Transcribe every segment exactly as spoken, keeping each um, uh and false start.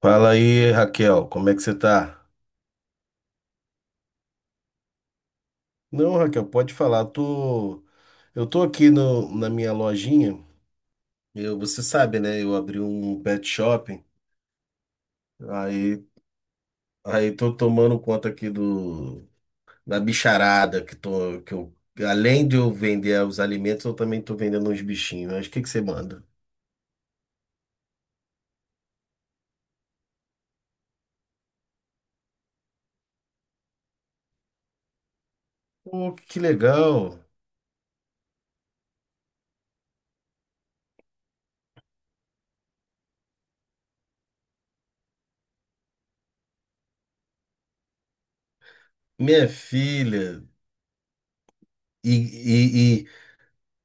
Fala aí, Raquel, como é que você tá? Não, Raquel, pode falar. Tô, eu tô aqui no, na minha lojinha. Eu, você sabe, né? Eu abri um pet shop. Aí, aí tô tomando conta aqui do da bicharada que tô, que eu, além de eu vender os alimentos, eu também tô vendendo uns bichinhos. Mas o que que você manda? Pô, que legal, minha filha. E, e,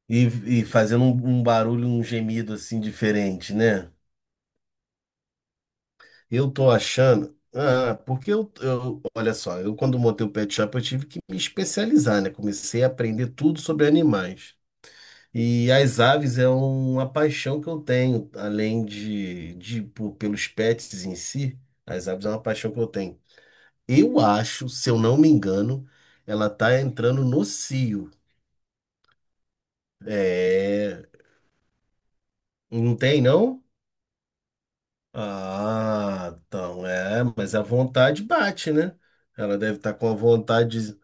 e, e, e fazendo um um barulho, um gemido assim diferente, né? Eu tô achando. Ah, porque eu, eu- olha só, eu quando montei o pet shop eu tive que me especializar, né? Comecei a aprender tudo sobre animais. E as aves é uma paixão que eu tenho, além de, de por- pelos pets em si, as aves é uma paixão que eu tenho. Eu acho, se eu não me engano, ela tá entrando no cio. É, não tem não? Ah, então é, mas a vontade bate, né? Ela deve estar com a vontade.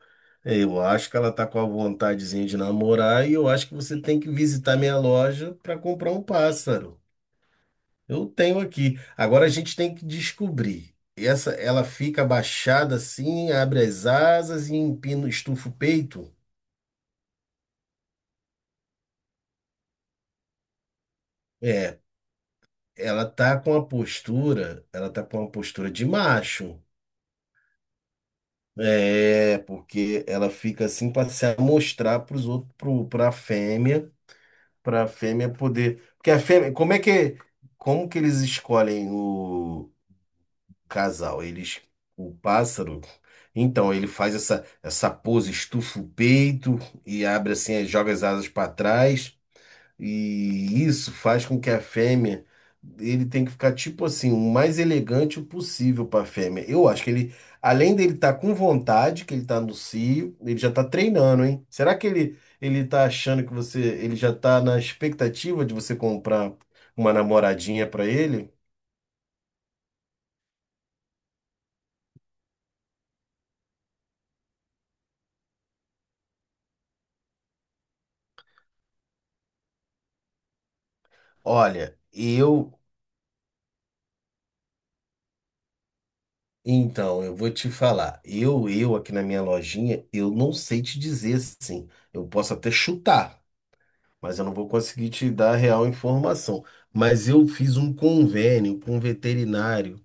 É, eu acho que ela tá com a vontadezinha de namorar e eu acho que você tem que visitar minha loja para comprar um pássaro. Eu tenho aqui. Agora a gente tem que descobrir. Essa, ela fica abaixada assim, abre as asas e empina, estufa o peito. É, ela tá com a postura, ela tá com uma postura de macho. É, porque ela fica assim para se amostrar para os outros, para a fêmea. Para a fêmea poder. Porque a fêmea, como é que como que eles escolhem o casal? Eles o pássaro, então ele faz essa essa pose, estufa o peito e abre assim, joga as asas para trás. E isso faz com que a fêmea, Ele tem que ficar tipo assim, o mais elegante possível para a fêmea. Eu acho que ele, além dele estar com vontade, que ele está no cio, ele já está treinando, hein? Será que ele ele tá achando que você, ele já está na expectativa de você comprar uma namoradinha para ele? Olha, eu Então, eu vou te falar. Eu, eu aqui na minha lojinha, eu não sei te dizer assim. Eu posso até chutar, mas eu não vou conseguir te dar a real informação. Mas eu fiz um convênio com um veterinário,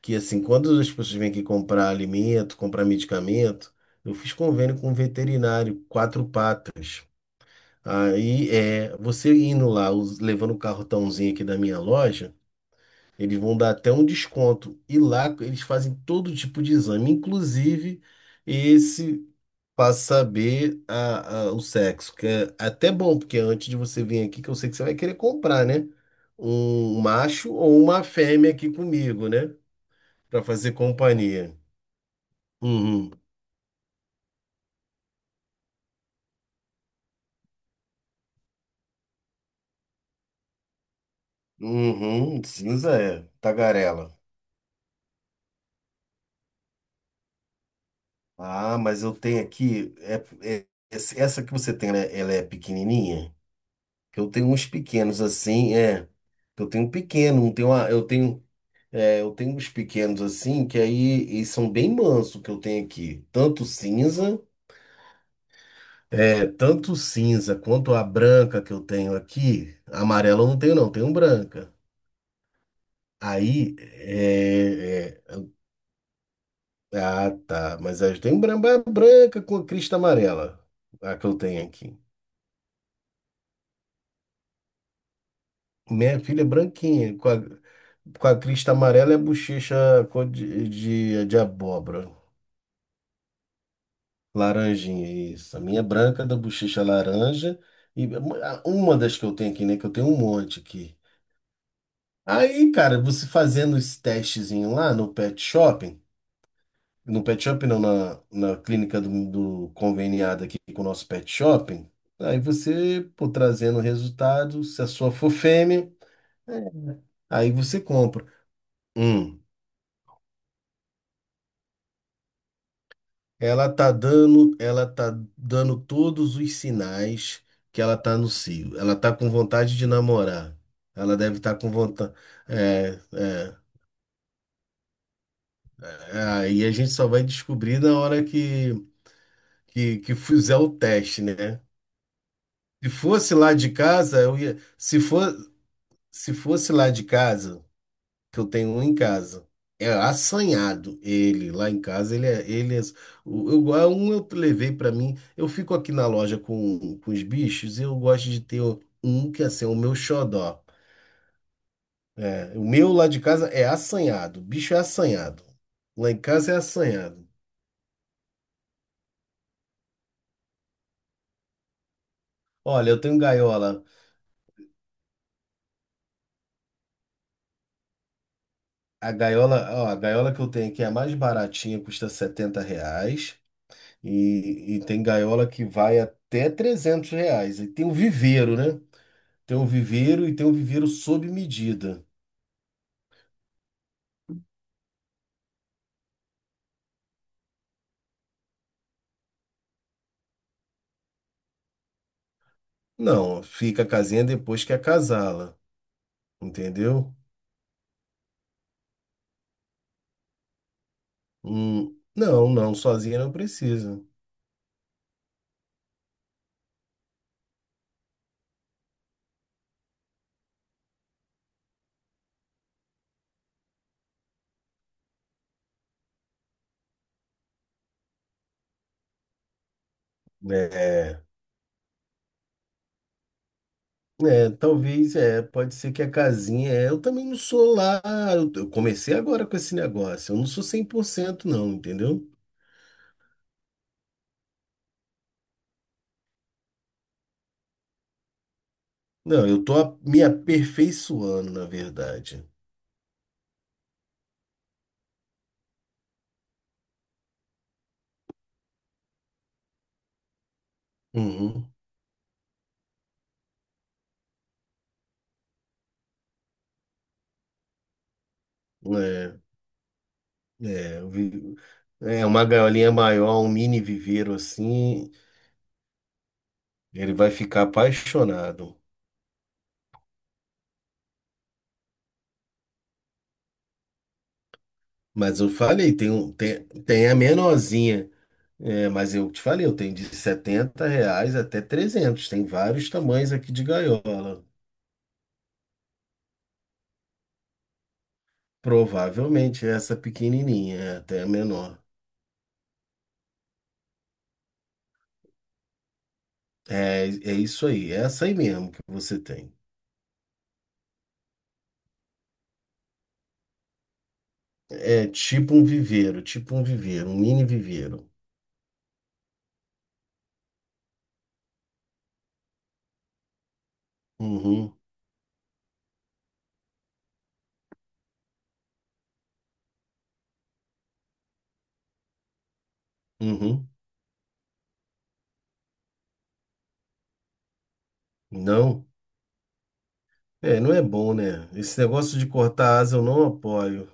que assim, quando as pessoas vêm aqui comprar alimento, comprar medicamento, eu fiz convênio com um veterinário, Quatro Patas. Aí é, você indo lá, us- levando o cartãozinho aqui da minha loja, eles vão dar até um desconto. E lá eles fazem todo tipo de exame, inclusive esse. Pra saber a, a- o sexo, que é até bom, porque antes de você vir aqui, que eu sei que você vai querer comprar, né? Um macho ou uma fêmea aqui comigo, né? Para fazer companhia. Uhum. Uhum, cinza é, tagarela. Ah, mas eu tenho aqui, é, é- esse- essa que você tem, né? Ela é pequenininha? Que eu tenho uns pequenos assim, é. Eu tenho um pequeno, um tenho uma, eu tenho. É, eu tenho uns pequenos assim, que aí e são bem manso que eu tenho aqui. Tanto cinza, é, tanto cinza quanto a branca que eu tenho aqui. Amarela eu não tenho, não, tenho branca. Aí, é, é, é, ah, tá. Mas aí eu tenho bran- branca com a crista amarela, a que eu tenho aqui. Minha filha é branquinha, com a, com a crista amarela e a bochecha cor de, de, de abóbora. Laranjinha, isso. A minha é branca da bochecha é laranja. E uma das que eu tenho aqui, né? Que eu tenho um monte aqui. Aí, cara, você fazendo esse testezinho lá no pet shopping, no pet shopping não, na, na clínica do, do conveniado aqui com o nosso pet shopping, aí você, pô, trazendo o resultado, se a sua for fêmea, é, aí você compra. Hum. Ela tá dando, ela tá dando todos os sinais que ela tá no cio. Ela tá com vontade de namorar. Ela deve estar com vontade. É, é. É, aí a gente só vai descobrir na hora que, que, que fizer o teste, né? Se fosse lá de casa, eu ia. Se for, se fosse lá de casa. Que eu tenho um em casa. É assanhado ele lá em casa. Ele é, ele é, o- eu, a Um eu levei pra mim. Eu fico aqui na loja com, com os bichos. Eu gosto de ter um que assim, é o meu xodó. É, o meu lá de casa é assanhado. O bicho é assanhado. Lá em casa é assanhado. Olha, eu tenho gaiola. A gaiola, ó, a gaiola que eu tenho aqui é a mais baratinha, custa setenta reais. E, e tem gaiola que vai até trezentos reais. E tem o viveiro, né? Tem um viveiro e tem um viveiro sob medida. Não, fica a casinha depois que acasala, entendeu? Hum, não, não, sozinha não precisa. É, é, Talvez, é, pode ser que a casinha, é, eu também não sou lá, eu, eu comecei agora com esse negócio, eu não sou cem por cento não, entendeu? Não, eu tô a- me aperfeiçoando, na verdade. Uhum, é, é, eu vi- é, uma gaiolinha maior, um mini viveiro assim, ele vai ficar apaixonado. Mas eu falei, tem, um- tem, tem a menorzinha. É, mas eu te falei, eu tenho de setenta reais até trezentos. Tem vários tamanhos aqui de gaiola. Provavelmente essa pequenininha, é até a menor. É, é isso aí, é essa aí mesmo que você tem. É tipo um viveiro, tipo um viveiro, um mini viveiro. Uhum, uhum. Não, é, não é bom, né? Esse negócio de cortar asa eu não apoio.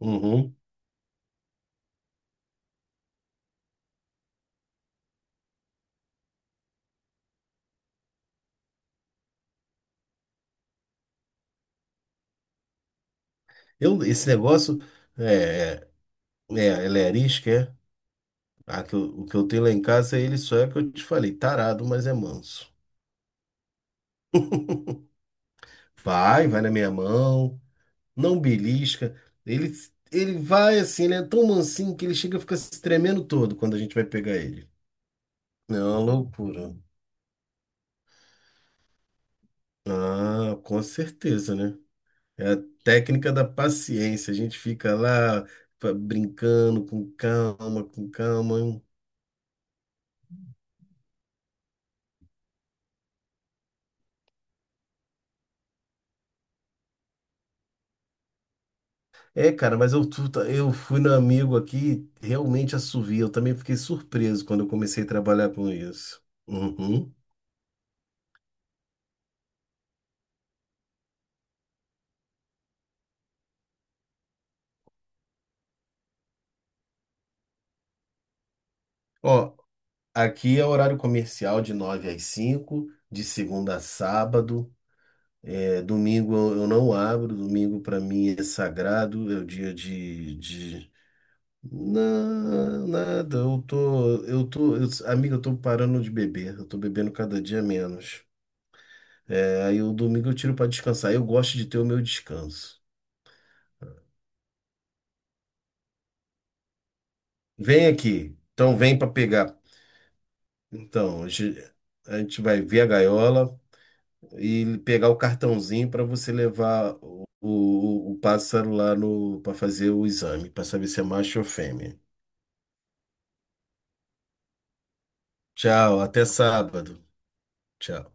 Uhum. Eu, esse negócio é, é, é, Ele é arisco, é? Ah, que eu- o que eu tenho lá em casa é ele só é o que eu te falei, tarado, mas é manso. Vai, vai na minha mão, não belisca. Ele, ele vai assim, ele é tão mansinho que ele chega a ficar se tremendo todo quando a gente vai pegar ele. É uma loucura. Ah, com certeza, né? É a técnica da paciência. A gente fica lá fa- brincando com calma, com calma. É, cara, mas eu, tu- tá- eu fui no amigo aqui, realmente assovia. Eu também fiquei surpreso quando eu comecei a trabalhar com isso. Uhum. Ó, aqui é horário comercial de nove às cinco, de segunda a sábado. É, domingo eu eu não abro, domingo para mim é sagrado, é o dia de, de... Não, nada, eu tô, eu tô, eu, amigo, eu tô parando de beber, eu tô bebendo cada dia menos. É, aí o domingo eu tiro para descansar. Eu gosto de ter o meu descanso. Vem aqui. Então vem para pegar. Então, a gente a gente vai ver a gaiola e pegar o cartãozinho para você levar o, o, o pássaro lá no para fazer o exame, para saber se é macho ou fêmea. Tchau, até sábado. Tchau.